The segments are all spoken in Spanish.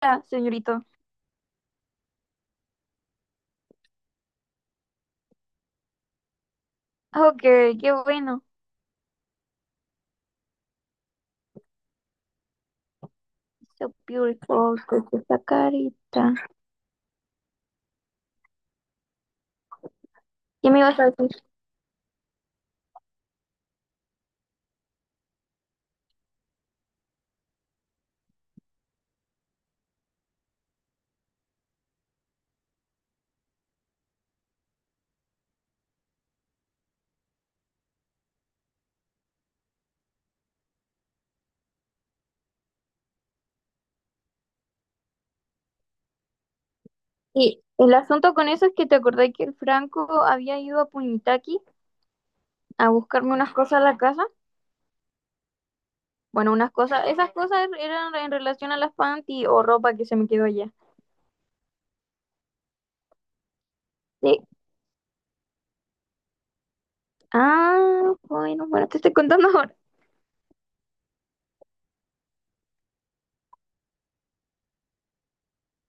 Ah, señorito. Ok, qué bueno. So beautiful, con esa carita. ¿Qué me ibas a decir? Y el asunto con eso es que te acordé que el Franco había ido a Punitaki a buscarme unas cosas a la casa. Bueno, unas cosas, esas cosas eran en relación a las panty o ropa que se me quedó allá. Sí. Ah, bueno, te estoy contando ahora.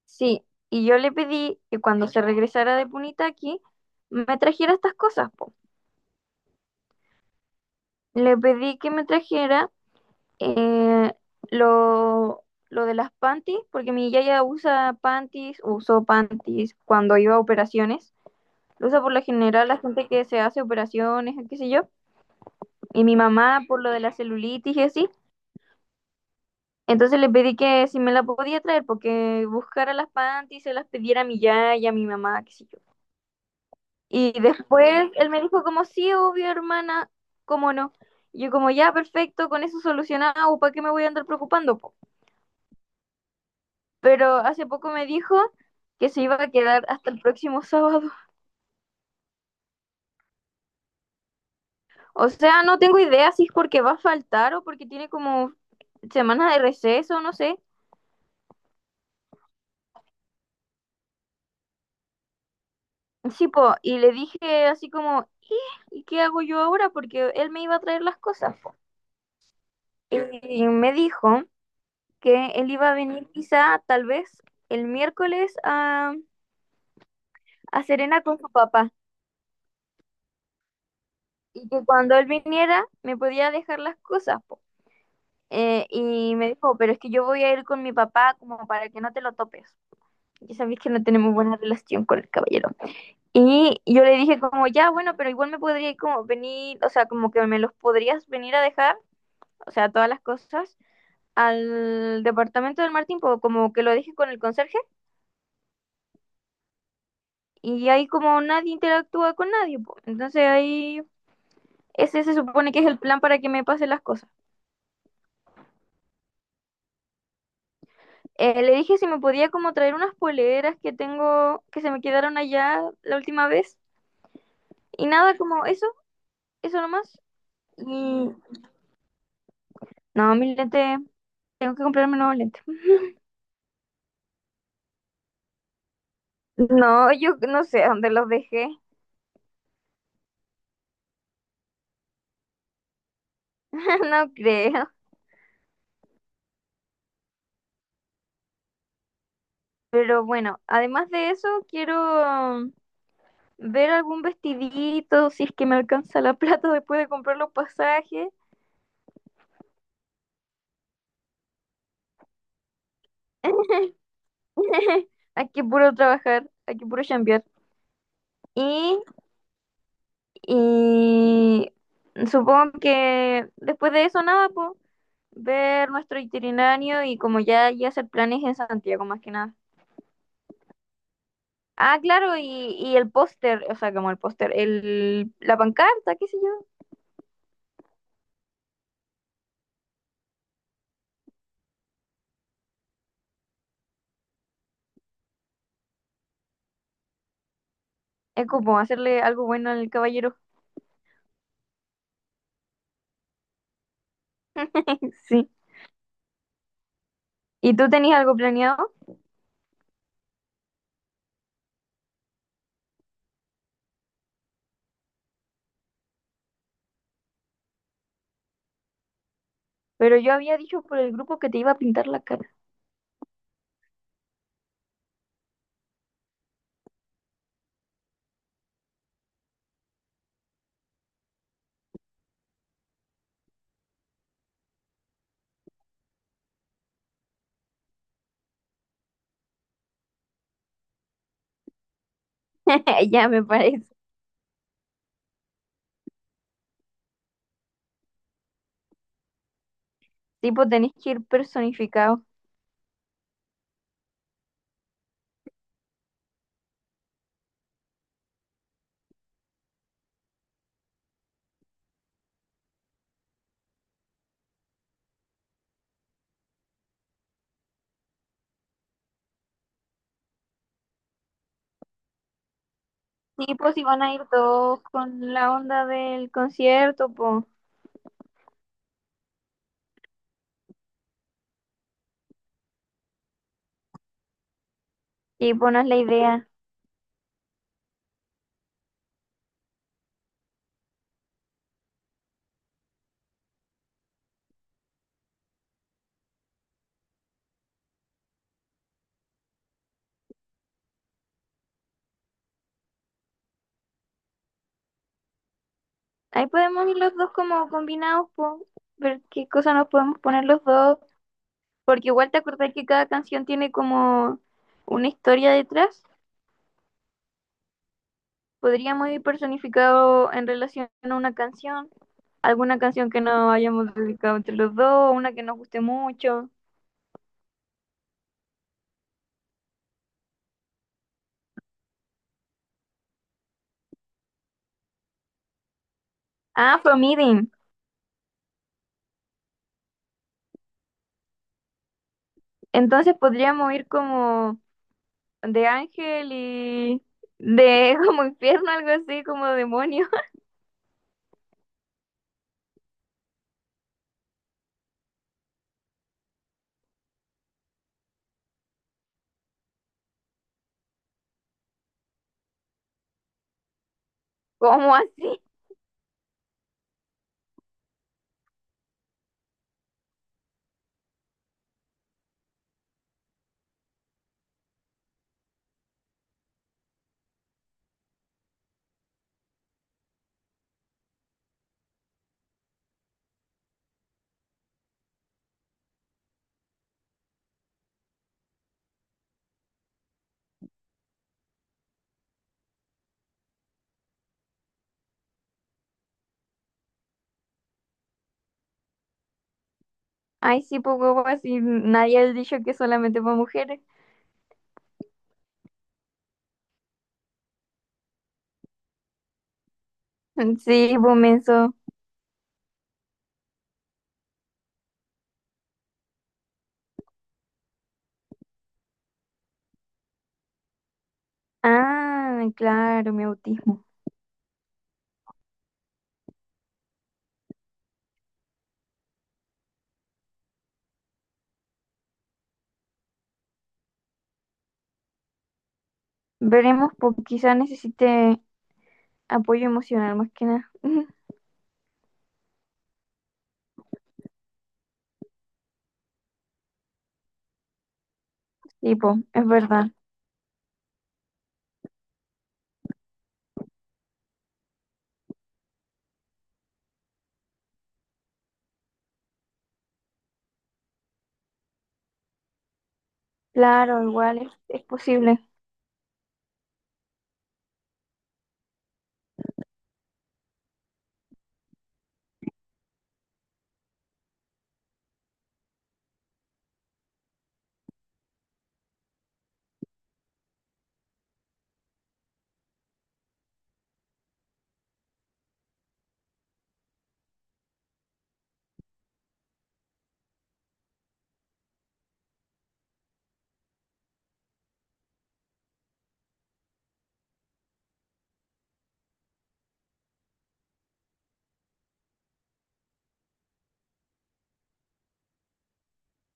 Sí, y yo le pedí que cuando se regresara de Punitaki me trajera estas cosas, po. Le pedí que me trajera Eh, lo, lo de las panties, porque mi yaya usa panties, usó panties cuando iba a operaciones. Lo usa por lo general la gente que se hace operaciones, qué sé yo. Y mi mamá por lo de la celulitis y así. Entonces le pedí que si me la podía traer, porque buscara las panties, se las pidiera a mi yaya, a mi mamá, qué sé yo. Y después él me dijo como, sí, obvio, hermana, cómo no. Y yo como, ya, perfecto, con eso solucionado, ¿para qué me voy a andar preocupando, po? Pero hace poco me dijo que se iba a quedar hasta el próximo sábado. O sea, no tengo idea si es porque va a faltar o porque tiene como semana de receso, no sé. Sí, po, y le dije así como, ¿y qué hago yo ahora? Porque él me iba a traer las cosas, po. Y me dijo que él iba a venir quizá tal vez el miércoles a Serena con su papá y que cuando él viniera me podía dejar las cosas, po. Y me dijo, pero es que yo voy a ir con mi papá como para que no te lo topes. Ya sabéis que no tenemos buena relación con el caballero. Y yo le dije como, ya, bueno, pero igual me podría como venir, o sea, como que me los podrías venir a dejar, o sea, todas las cosas, al departamento del Martín, po, como que lo dije con el conserje, y ahí como nadie interactúa con nadie, po. Entonces ahí ese se supone que es el plan para que me pasen las cosas. Le dije si me podía como traer unas poleras que tengo, que se me quedaron allá la última vez. Y nada, como eso nomás. Y no, mis lentes, tengo que comprarme nuevos lentes. No, yo no sé dónde los dejé, no creo. Pero bueno, además de eso, quiero ver algún vestidito, si es que me alcanza la plata después de comprar los pasajes. Hay que puro trabajar, hay que puro chambear. Y, y supongo que después de eso nada, pues ver nuestro itinerario y como ya, ya hacer planes en Santiago más que nada. Ah, claro, y el póster, o sea, como el póster, el, la pancarta, qué sé yo. Es como hacerle algo bueno al caballero. Sí. ¿Y tú tenías algo planeado? Pero yo había dicho por el grupo que te iba a pintar la cara. Ya me parece. Tipo, tenés que ir personificado. Sí, pues si van a ir todos con la onda del concierto, pues. Sí, pues no es la idea. Ahí podemos ir los dos como combinados, po, ver qué cosa nos podemos poner los dos, porque igual te acordás que cada canción tiene como una historia detrás. Podríamos ir personificado en relación a una canción, alguna canción que nos hayamos dedicado entre los dos, una que nos guste mucho. Ah, From Eden. Entonces podríamos ir como de ángel y de como infierno, algo así, como demonio. ¿Cómo así? Ay, sí, pues huevo, así nadie ha dicho que es solamente para mujeres. Sí, pues menso. Ah, claro, mi autismo. Veremos, pues quizá necesite apoyo emocional más que nada. Sí, pues, es verdad. Claro, igual es posible.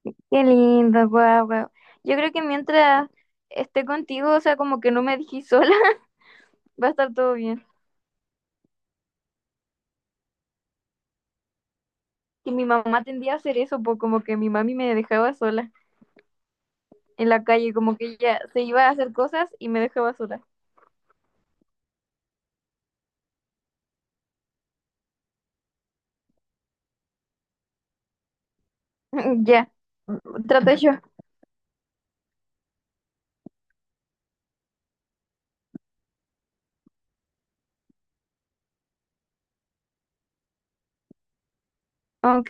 Qué lindo, guau, guau. Yo creo que mientras esté contigo, o sea, como que no me dejé sola, va a estar todo bien. Que mi mamá tendía a hacer eso, pues como que mi mami me dejaba sola en la calle, como que ella se iba a hacer cosas y me dejaba sola. Ya, mm, traté yo. Ok,